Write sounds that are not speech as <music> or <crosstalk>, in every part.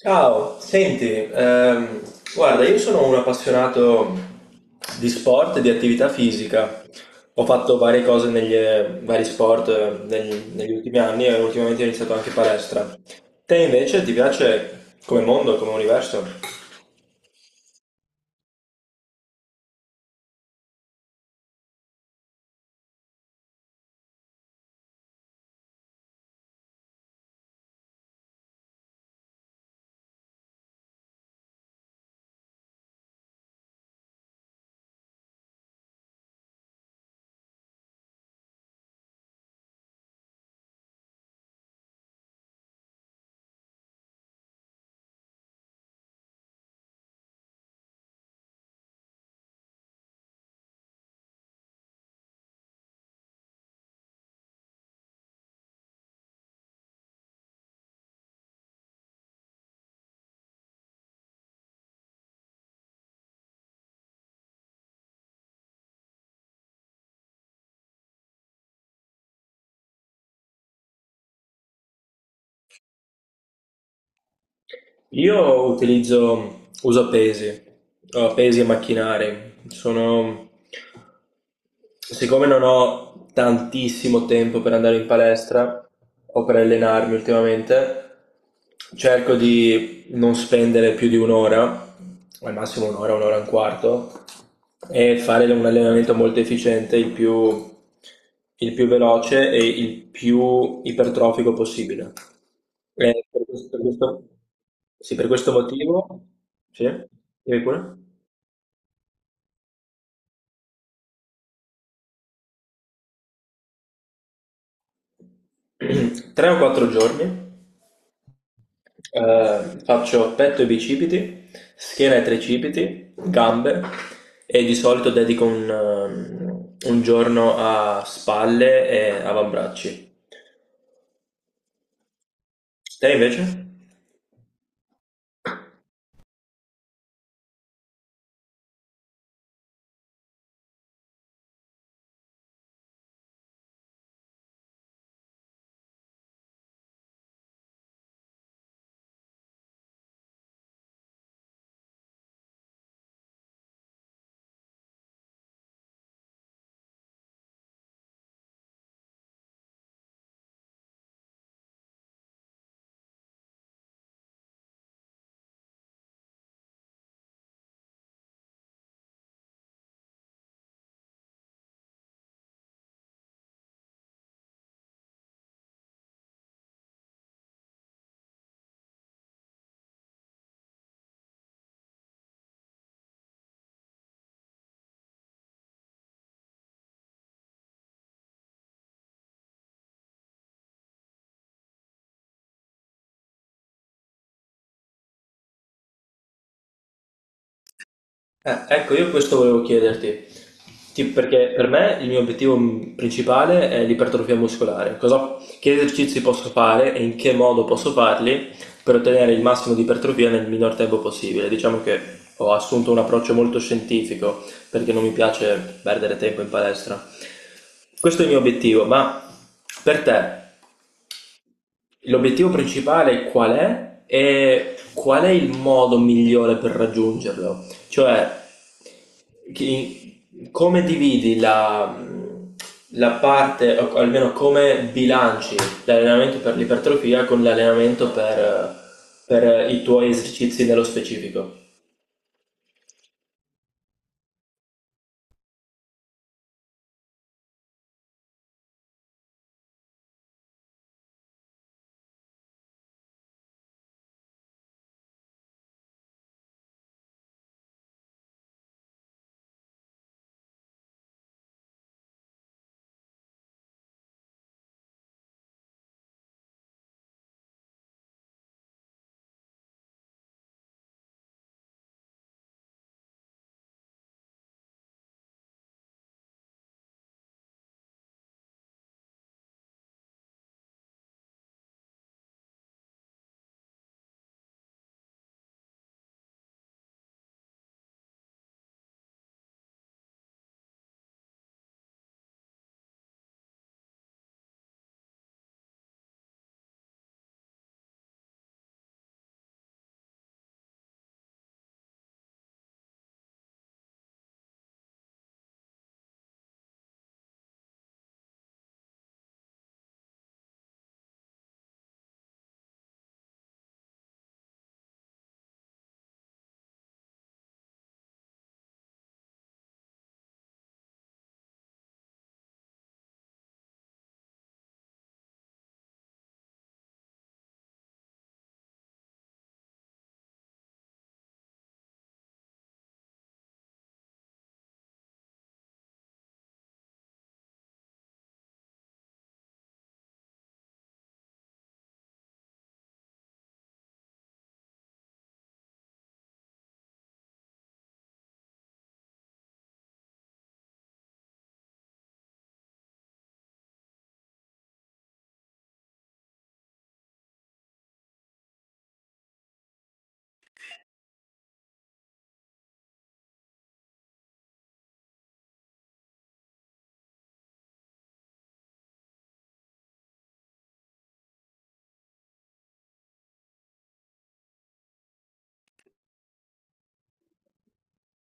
Ciao, senti, ehm, guarda, io sono un appassionato di sport e di attività fisica. Ho fatto varie cose negli vari sport negli ultimi anni e ultimamente ho iniziato anche palestra. Te invece ti piace come mondo, come universo? Uso pesi, pesi e macchinari. Sono Siccome non ho tantissimo tempo per andare in palestra o per allenarmi ultimamente, cerco di non spendere più di un'ora, al massimo un'ora, un'ora e un quarto, e fare un allenamento molto efficiente, il più veloce e il più ipertrofico possibile. E per questo, per questo- sì, per questo motivo, sì, dimmi pure. <clears throat> Tre o quattro giorni. Faccio petto e bicipiti, schiena e tricipiti, gambe e di solito dedico un giorno a spalle e avambracci. Te invece? Ecco, io questo volevo chiederti. Perché per me il mio obiettivo principale è l'ipertrofia muscolare. Che esercizi posso fare e in che modo posso farli per ottenere il massimo di ipertrofia nel minor tempo possibile? Diciamo che ho assunto un approccio molto scientifico perché non mi piace perdere tempo in palestra. Questo è il mio obiettivo, ma per te l'obiettivo principale qual è? E qual è il modo migliore per raggiungerlo? Cioè, come dividi la parte, o almeno come bilanci l'allenamento per l'ipertrofia con l'allenamento per i tuoi esercizi nello specifico?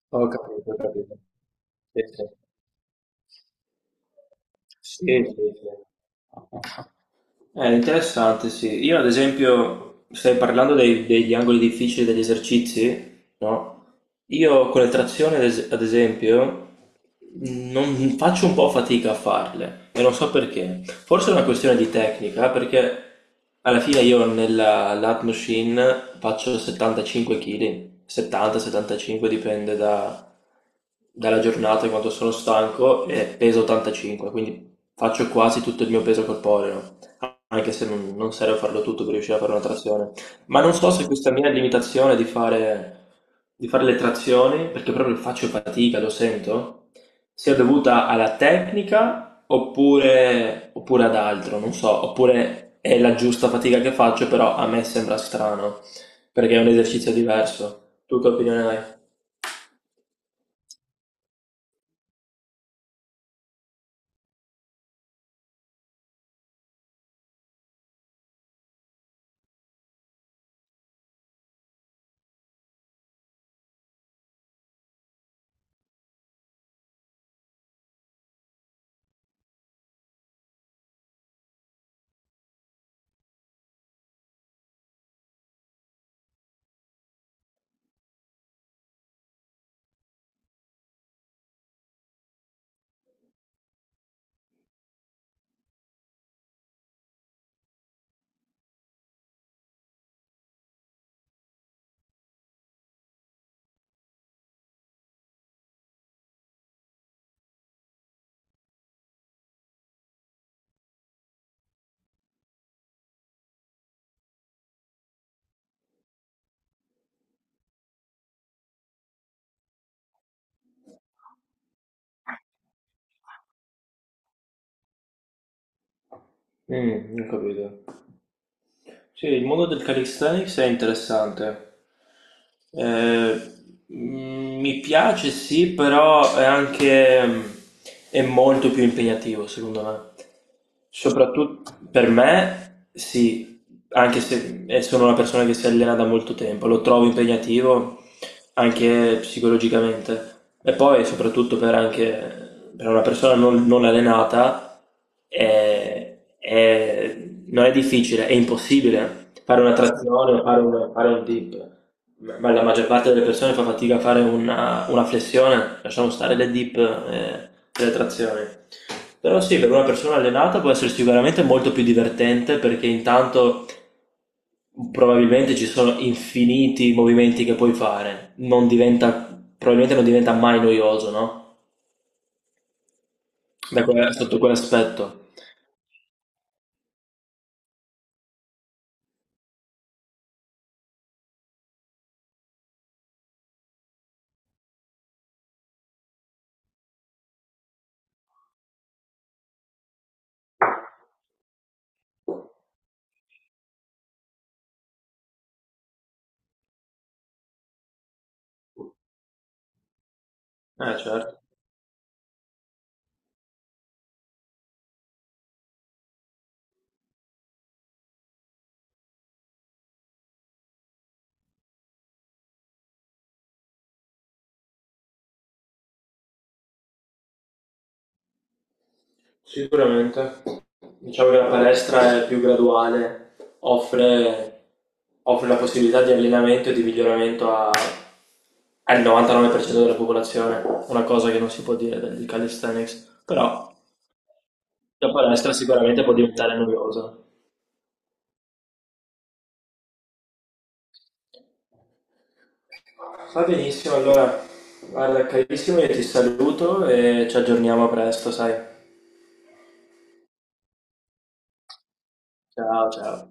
Ho capito, ho capito. Sì, sì, sì, sì, sì. È interessante, sì. Io ad esempio, stai parlando degli angoli difficili degli esercizi, no? Io con le trazioni, ad esempio, non faccio un po' fatica a farle e non so perché. Forse è una questione di tecnica, perché alla fine io nella lat machine faccio 75 kg, 70-75 dipende dalla giornata e quanto sono stanco e peso 85, quindi faccio quasi tutto il mio peso corporeo anche se non serve farlo tutto per riuscire a fare una trazione. Ma non so se questa mia limitazione di di fare le trazioni, perché proprio faccio fatica, lo sento, sia dovuta alla tecnica oppure ad altro, non so, oppure è la giusta fatica che faccio, però a me sembra strano, perché è un esercizio diverso. Tu che opinione hai? Mm, non capito. Sì, il mondo del calisthenics è interessante. Eh, Mi piace, sì, però è anche è molto più impegnativo, secondo me. Soprattutto per me, sì, anche se è sono una persona che si allena da molto tempo, lo trovo impegnativo anche psicologicamente e poi soprattutto anche, per una persona non allenata non è difficile, è impossibile fare una trazione o fare fare un dip, ma la maggior parte delle persone fa fatica a fare una flessione, lasciamo stare le dip e le trazioni. Però sì, per una persona allenata può essere sicuramente molto più divertente perché intanto probabilmente ci sono infiniti movimenti che puoi fare, non diventa, probabilmente non diventa mai noioso, no? Sotto quell'aspetto. Eh certo, sicuramente. Diciamo che la palestra è più graduale, offre, offre la possibilità di allenamento e di miglioramento al 99% della popolazione, una cosa che non si può dire del calisthenics, però... La palestra sicuramente può diventare noiosa. Va benissimo, allora, guarda, carissimo, io ti saluto e ci aggiorniamo presto, sai? Ciao, ciao.